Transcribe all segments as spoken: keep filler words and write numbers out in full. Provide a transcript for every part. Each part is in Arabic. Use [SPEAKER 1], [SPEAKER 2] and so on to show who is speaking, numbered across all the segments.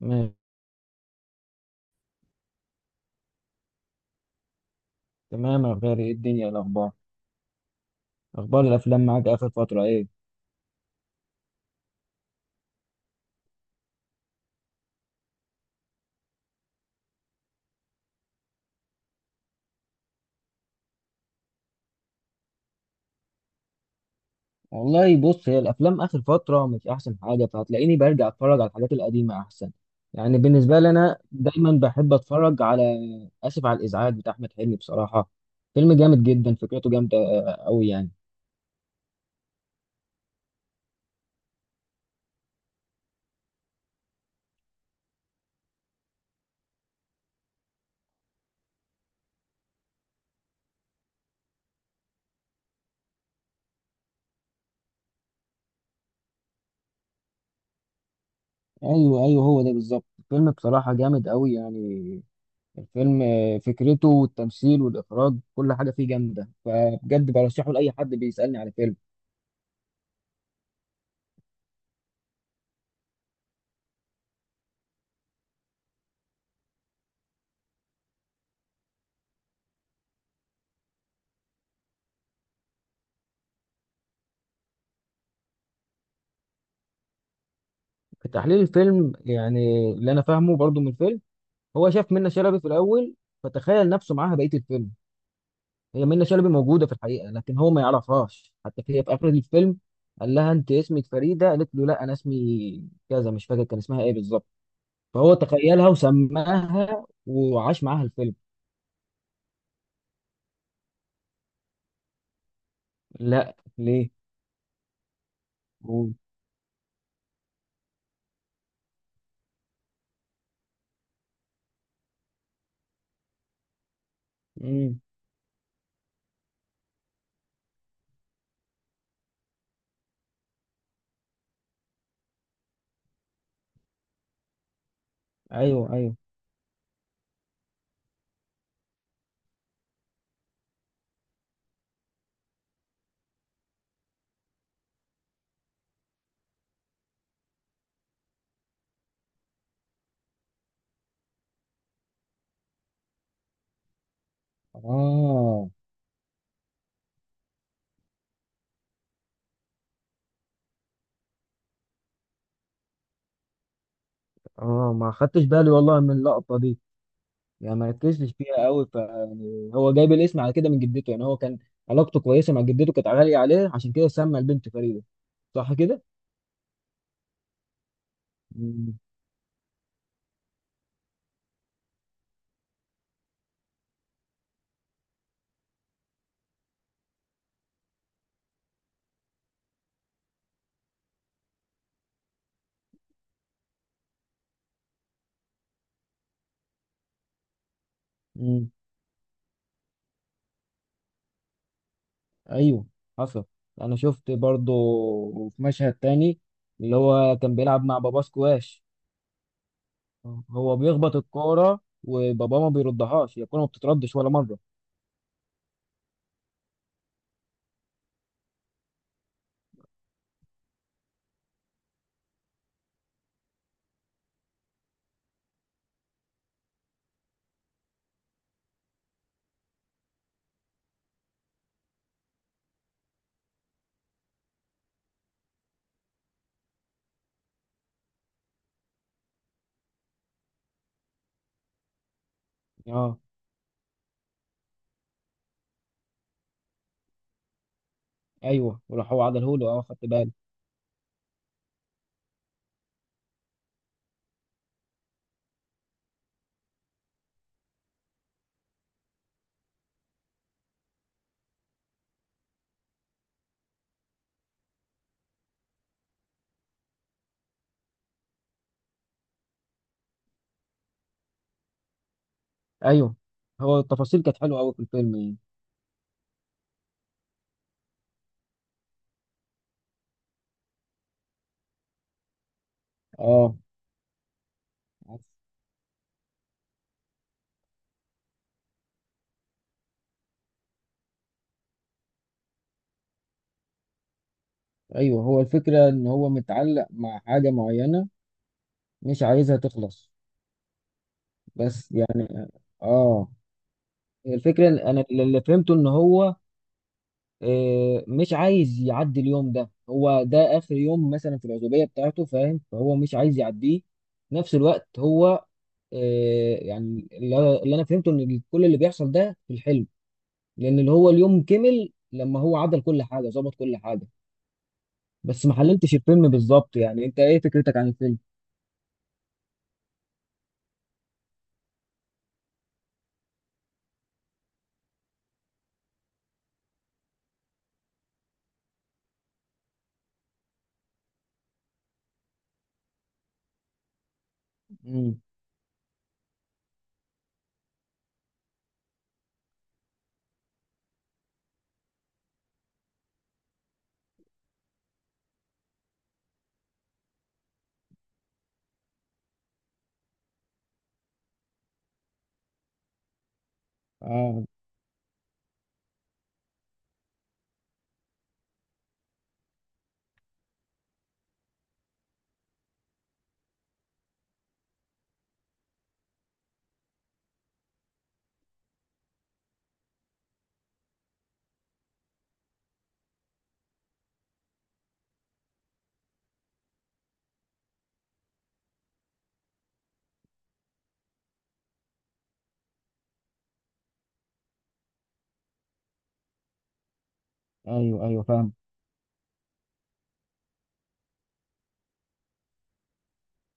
[SPEAKER 1] ماشي. تمام يا غالي، ايه الدنيا؟ إيه الاخبار؟ اخبار الافلام معاك اخر فتره ايه؟ والله بص، هي الافلام اخر فتره مش احسن حاجه، فهتلاقيني برجع اتفرج على الحاجات القديمه احسن. يعني بالنسبه لي انا دايما بحب اتفرج على اسف على الازعاج بتاع احمد حلمي بصراحه. فيلم جامد جدا، فكرته جامده قوي يعني. ايوه ايوه، هو ده بالظبط الفيلم بصراحه جامد قوي يعني. الفيلم آه، فكرته والتمثيل والاخراج كل حاجه فيه جامده، فبجد برشحه لاي حد بيسالني على فيلم. في تحليل الفيلم يعني اللي انا فاهمه برضو من الفيلم، هو شاف منة شلبي في الاول فتخيل نفسه معاها بقيه الفيلم. هي منة شلبي موجوده في الحقيقه لكن هو ما يعرفهاش، حتى هي في اخر الفيلم قال لها انت اسمك فريده، قالت له لا انا اسمي كذا، مش فاكر كان اسمها ايه بالظبط. فهو تخيلها وسماها وعاش معاها الفيلم. لا ليه؟ قول. امم. ايوه ايوه. اه اه، ما خدتش بالي والله من اللقطه دي، يعني ما ركزتش فيها قوي. ف يعني هو جايب الاسم على كده من جدته، يعني هو كان علاقته كويسه مع جدته، كانت غاليه عليه عشان كده سمى البنت فريده. صح كده؟ مم. مم. ايوه. حصل. انا شفت برضو في مشهد تاني اللي هو كان بيلعب مع باباه سكواش. هو بيخبط الكوره وباباه ما بيردهاش، هي الكوره ما بتتردش ولا مره. اه. ايوه وراح هو عدله له، اه خدت بالي. ايوه، هو التفاصيل كانت حلوه قوي في الفيلم يعني. اه. ايوه هو الفكره ان هو متعلق مع حاجه معينه، مش عايزها تخلص، بس يعني. اه. الفكره إن انا اللي فهمته ان هو آه، مش عايز يعدي اليوم ده، هو ده اخر يوم مثلا في العزوبيه بتاعته فاهم، فهو مش عايز يعديه. في نفس الوقت هو آه، يعني اللي اللي انا فهمته ان كل اللي بيحصل ده في الحلم، لان اللي هو اليوم كمل لما هو عدل كل حاجه، ظبط كل حاجه. بس ما حللتش الفيلم بالظبط، يعني انت ايه فكرتك عن الفيلم؟ امم. اه. ايوه ايوه فاهم.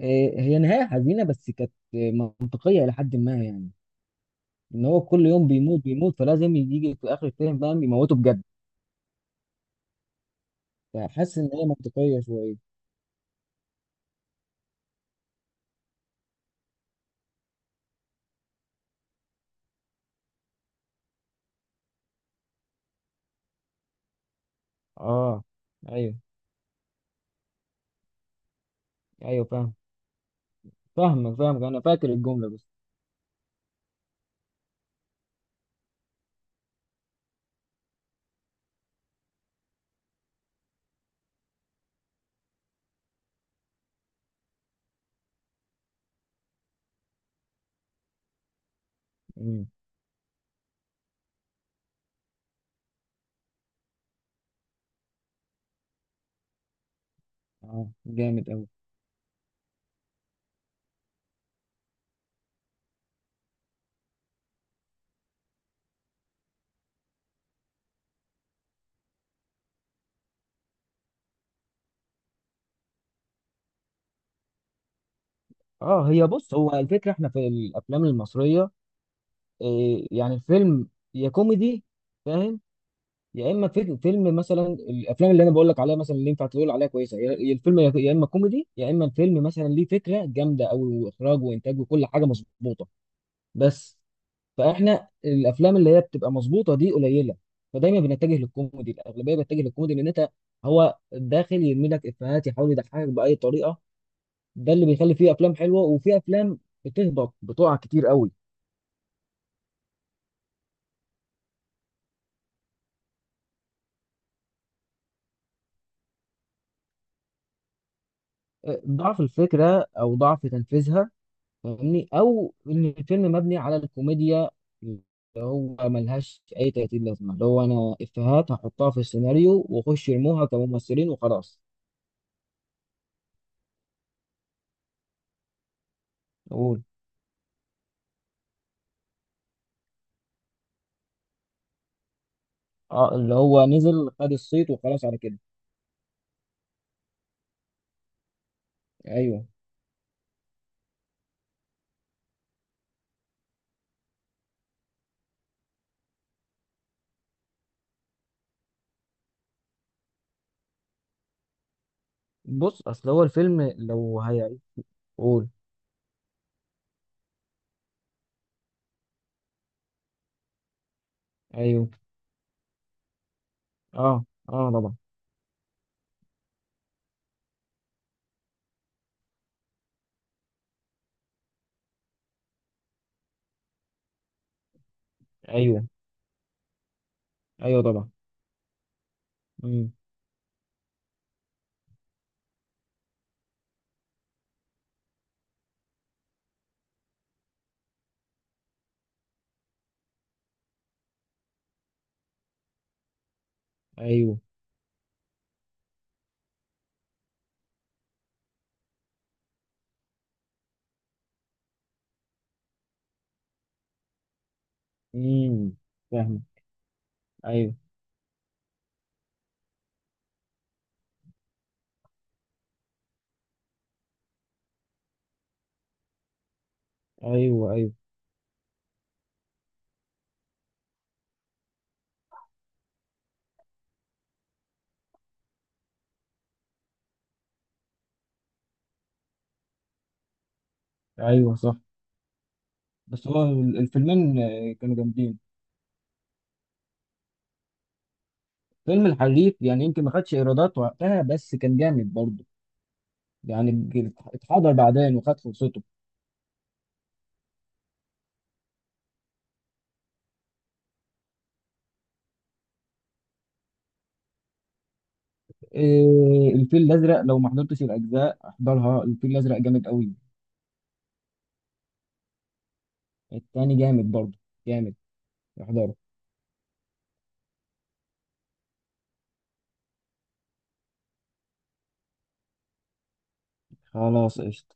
[SPEAKER 1] إيه، هي نهايه حزينه بس كانت منطقيه الى حد ما يعني، ان هو كل يوم بيموت بيموت فلازم يجي في اخر الفيلم بقى يموته بجد. فحاسس ان هي منطقيه شويه. اه. ايوه ايوه فاهم. فاهمك فاهمك، انا فاكر الجمله بس. امم. اه جامد قوي. اه، هي بص هو الفكره احنا في الافلام المصريه، إيه يعني الفيلم، يا كوميدي فاهم، يا اما في- فيلم مثلا. الافلام اللي انا بقول لك عليها مثلا اللي ينفع تقول عليها كويسه، يا يا الفيلم يا يا اما كوميدي، يا اما الفيلم مثلا ليه فكره جامده قوي واخراج وانتاج وكل حاجه مظبوطه بس. فاحنا الافلام اللي هي بتبقى مظبوطه دي قليله، فدايما بنتجه للكوميدي، الاغلبيه بتتجه للكوميدي لان انت هو داخل يرمي لك افيهات يحاول يضحكك باي طريقه. ده اللي بيخلي فيه افلام حلوه وفي افلام بتهبط بتقع كتير قوي. ضعف الفكره او ضعف تنفيذها فاهمني، او ان الفيلم مبني على الكوميديا اللي هو ملهاش اي ثلاثين لازمه، اللي هو انا افيهات هحطها في السيناريو واخش يرموها كممثلين وخلاص. اقول. اه اللي هو نزل خد الصيت وخلاص على كده. ايوه. بص اصل هو الفيلم لو هي. قول. ايوه. اه اه طبعا. ايوه ايوه طبعا. امم. ايوه. امم. فاهم. ايوه. ايوه. ايوه. ايوه صح. بس هو ال- الفيلمين آه، كانوا جامدين. فيلم الحريف يعني يمكن ما خدش ايرادات وقتها بس كان جامد برضه، يعني ج- اتحضر بعدين وخد فرصته. إيه، الفيل الازرق، لو ما حضرتش الاجزاء احضرها، الفيل الازرق جامد قوي. التاني جامد برضه، جامد. احضره. خلاص قشطه.